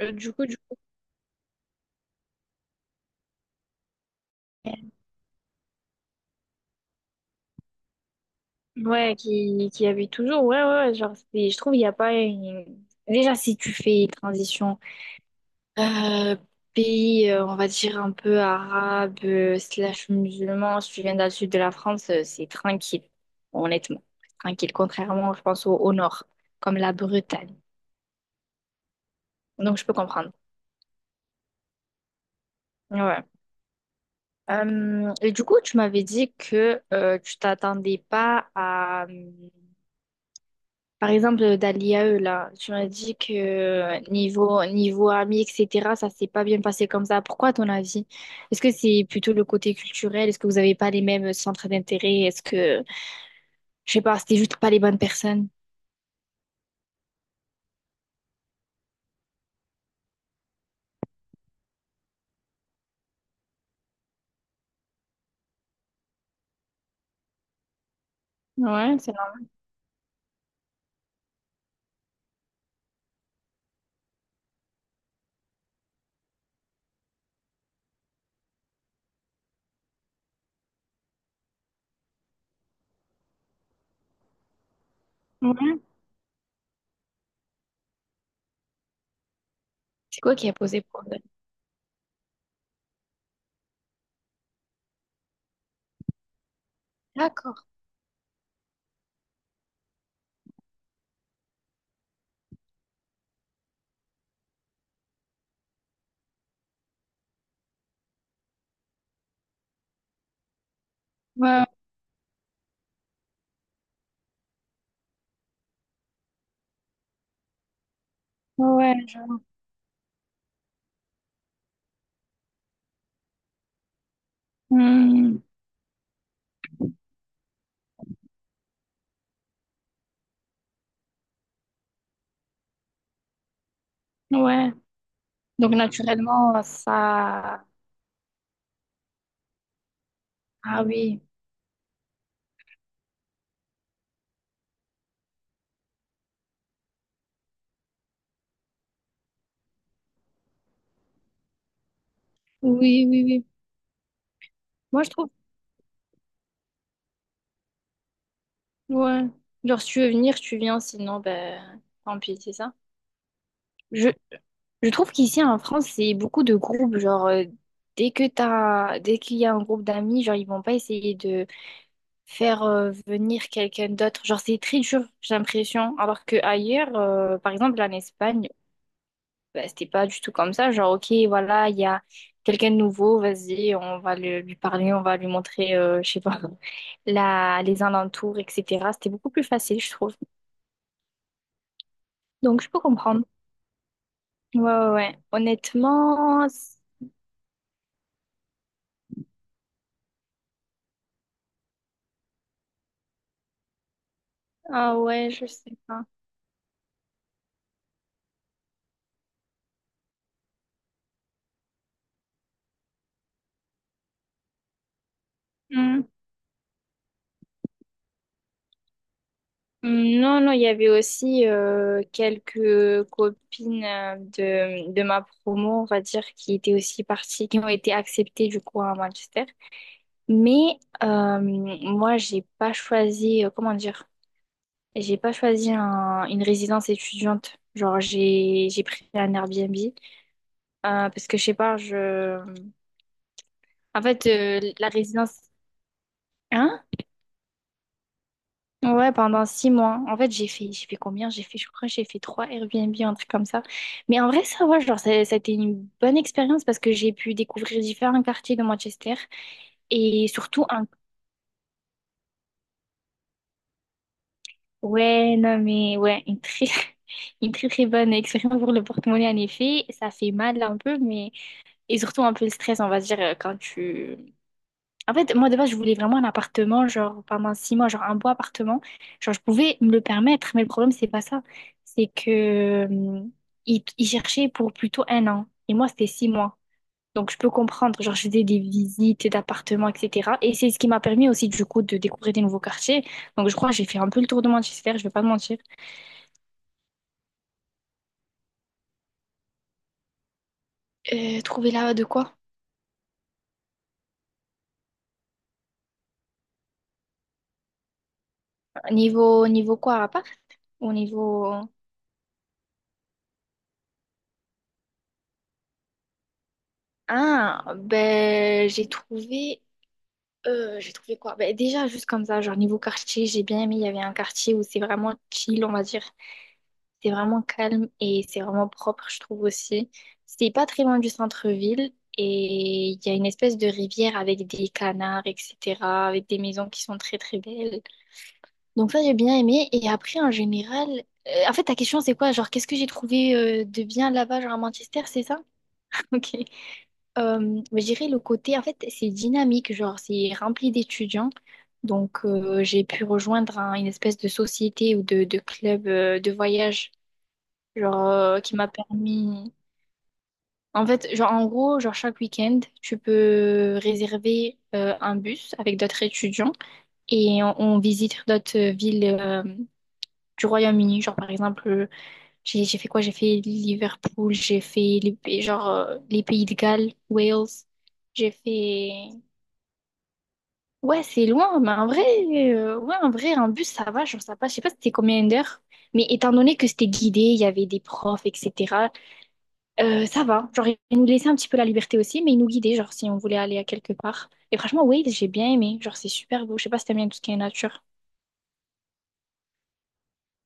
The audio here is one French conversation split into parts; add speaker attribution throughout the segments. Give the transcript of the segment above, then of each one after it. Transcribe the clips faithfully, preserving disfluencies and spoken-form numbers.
Speaker 1: Euh, du coup, du coup, ouais, qui, qui habite toujours, ouais, ouais, ouais, genre, c'est- je trouve, il n'y a pas une... Déjà, si tu fais une transition euh, pays, euh, on va dire, un peu arabe, euh, slash musulman, si tu viens dans le sud de la France, euh, c'est tranquille, honnêtement, c'est tranquille, contrairement, je pense, au, au nord, comme la Bretagne. Donc, je peux comprendre. Ouais. Euh, et du coup, tu m'avais dit que euh, tu t'attendais pas à. Par exemple, dans l'I A E, là, tu m'as dit que euh, niveau, niveau ami, et cetera, ça s'est pas bien passé comme ça. Pourquoi, à ton avis? Est-ce que c'est plutôt le côté culturel? Est-ce que vous n'avez pas les mêmes centres d'intérêt? Est-ce que, je sais pas, c'était juste pas les bonnes personnes? Ouais, c'est normal. Ouais. C'est quoi qui a posé problème? D'accord. Ouais, ouais, je... Hmm, ouais. Donc, naturellement, ça... Ah oui. Oui, oui, oui. Moi, je trouve... Ouais. Genre, si tu veux venir, tu viens, sinon, ben, tant pis, c'est ça? Je, Je trouve qu'ici en France, c'est beaucoup de groupes. Genre, euh, dès que t'as, dès qu'il y a un groupe d'amis, genre, ils vont pas essayer de faire euh, venir quelqu'un d'autre. Genre, c'est très dur, j'ai l'impression. Alors que ailleurs, euh, par exemple, en Espagne, bah, c'était pas du tout comme ça. Genre, ok, voilà, il y a quelqu'un de nouveau, vas-y, on va le- lui parler, on va lui montrer, euh, je sais pas, la, les alentours, et cetera. C'était beaucoup plus facile, je trouve. Donc, je peux comprendre. Ouais, ouais, ouais. Honnêtement, c'est- ah ouais, je sais pas. Hum, Non, non, il y avait aussi euh, quelques copines euh, de, de ma promo, on va dire, qui étaient aussi parties, qui ont été acceptées du coup à Manchester. Mais euh, moi, j'ai pas choisi, euh, comment dire, j'ai pas choisi un- une résidence étudiante. Genre, j'ai j'ai pris un Airbnb euh, parce que je sais pas, je, en fait, euh, la résidence, hein? Ouais, pendant six mois. En fait, j'ai fait, j'ai fait combien? J'ai fait, je crois, que j'ai fait trois Airbnb, un truc comme ça. Mais en vrai, ça va, genre, ça, ça a été une bonne expérience parce que j'ai pu découvrir différents quartiers de Manchester et surtout un, ouais, non, mais ouais, une très, une très, très bonne expérience pour le porte-monnaie, en effet. Ça fait mal un peu, mais, et surtout un peu le stress, on va se dire, euh, quand tu, en fait, moi, de base, je voulais vraiment un appartement, genre, pendant six mois, genre, un beau appartement. Genre, je pouvais me le permettre, mais le problème, c'est pas ça. C'est que, euh, ils, ils cherchaient pour plutôt un an. Et moi, c'était six mois. Donc, je peux comprendre. Genre, je faisais des visites d'appartements, et cetera. Et c'est ce qui m'a permis aussi, du coup, de découvrir des nouveaux quartiers. Donc, je crois que j'ai fait un peu le tour de Manchester, je vais pas te mentir. Euh, trouver là de quoi? Niveau, niveau quoi, à part? Au niveau... Ah, ben, j'ai trouvé... Euh, j'ai trouvé quoi? Ben, déjà, juste comme ça, genre niveau quartier, j'ai bien aimé. Il y avait un quartier où c'est vraiment chill, on va dire. C'est vraiment calme et c'est vraiment propre, je trouve aussi. C'est pas très loin du centre-ville et il y a une espèce de rivière avec des canards, et cetera, avec des maisons qui sont très très belles. Donc ça, j'ai bien aimé. Et après, en général, euh, en fait, ta question, c'est quoi? Genre, qu'est-ce que j'ai trouvé euh, de bien là-bas, genre à Manchester, c'est ça? Ok. Euh, je dirais le côté, en fait, c'est dynamique, genre, c'est rempli d'étudiants. Donc, euh, j'ai pu rejoindre un- une espèce de société ou de, de club euh, de voyage, genre, euh, qui m'a permis. En fait, genre, en gros, genre, chaque week-end, tu peux réserver euh, un bus avec d'autres étudiants et on, on visite d'autres villes euh, du Royaume-Uni. Genre, par exemple, j'ai j'ai fait quoi? J'ai fait Liverpool, j'ai fait les, pays- genre, euh, les pays de Galles, Wales. J'ai fait... Ouais, c'est loin, mais en vrai, euh, ouais, en vrai, un bus, ça va, genre, ça passe. Je sais pas c'était combien d'heures, mais étant donné que c'était guidé, il y avait des profs, et cetera, euh, ça va. Genre, ils nous laissaient un petit peu la liberté aussi, mais ils nous guidaient, genre, si on voulait aller à quelque part. Et franchement, Wales, j'ai bien aimé. Genre, c'est super beau. Je sais pas si t'aimes bien tout ce qui est nature.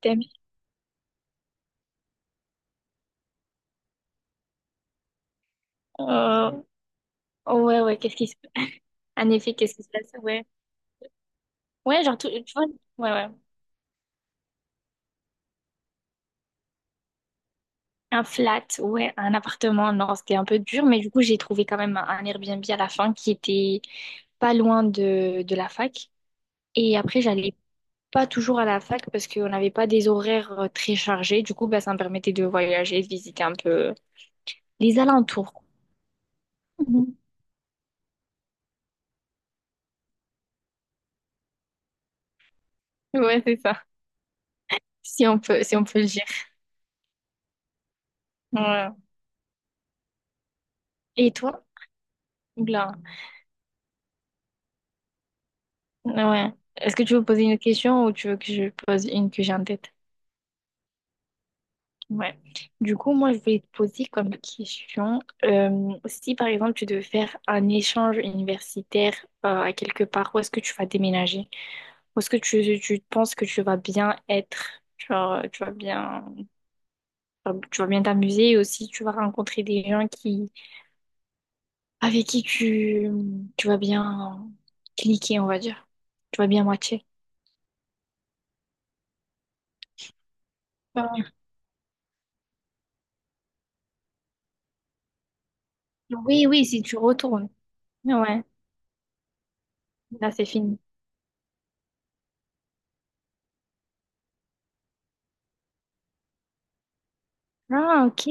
Speaker 1: T'aimes? Euh, ouais, ouais, qu'est-ce qui se... En effet, qu'est-ce qui se passe? Ouais. Ouais, genre, tout- tu vois, ouais, ouais. Un flat, ouais, un appartement, non, c'était un peu dur, mais du coup, j'ai trouvé quand même un un Airbnb à la fin qui était pas loin de, de la fac. Et après, j'allais pas toujours à la fac parce qu'on n'avait pas des horaires euh, très chargés. Du coup, bah, ça me permettait de voyager, de visiter un peu les alentours. Quoi. Mhm. Ouais, c'est ça, si on peut, si on peut le dire. Ouais. Et toi? Oula. Ouais. Est-ce que tu veux poser une question ou tu veux que je pose une que j'ai en tête? Ouais. Du coup, moi, je vais te poser comme question, euh, si par exemple tu devais faire un échange universitaire euh, à quelque part, où est-ce que tu vas déménager? Où est-ce que tu, tu penses que tu vas bien être? Genre, tu vas bien, enfin, tu vas bien t'amuser et aussi tu vas rencontrer des gens qui, avec qui tu, tu vas bien cliquer, on va dire. Tu vas bien matcher. Euh, oui, oui, si tu retournes. Ouais, là c'est fini. Ah, ok.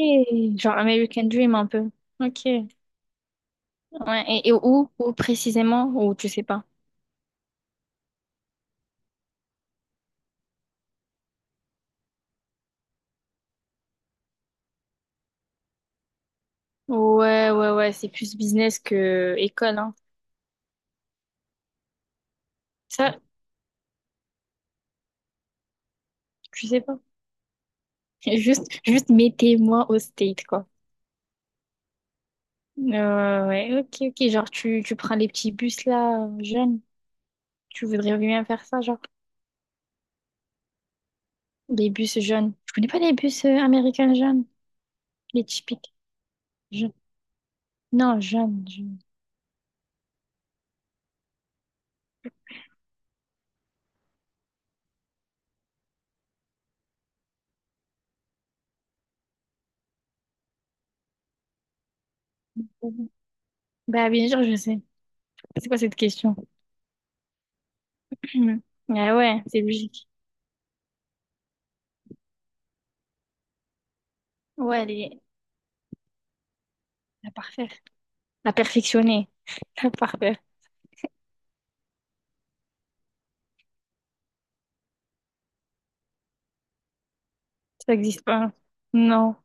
Speaker 1: Genre American Dream un peu. Ok. Ouais. Et, et où, où précisément? Ou tu sais pas? Ouais, ouais, ouais. C'est plus business que école, hein. Ça, tu sais pas. Juste, juste mettez-moi au state, quoi. Euh, ouais, ok, ok. Genre, tu, tu prends les petits bus là, euh, jeunes. Tu voudrais bien faire ça, genre. Les bus jeunes. Je connais pas les bus euh, américains jeunes. Les typiques. Jeunes. Non, jeunes. Jeunes. Bah, bien sûr, je sais. C'est quoi cette question? Ah ouais, c'est logique. Ouais, elle est la parfaire. La perfectionnée. La parfaire. Ça n'existe pas. Non,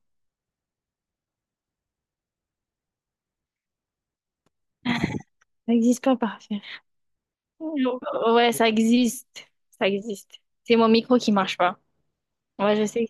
Speaker 1: ça n'existe pas parfaire. Ouais, ça existe. Ça existe. C'est mon micro qui marche pas. Ouais, je sais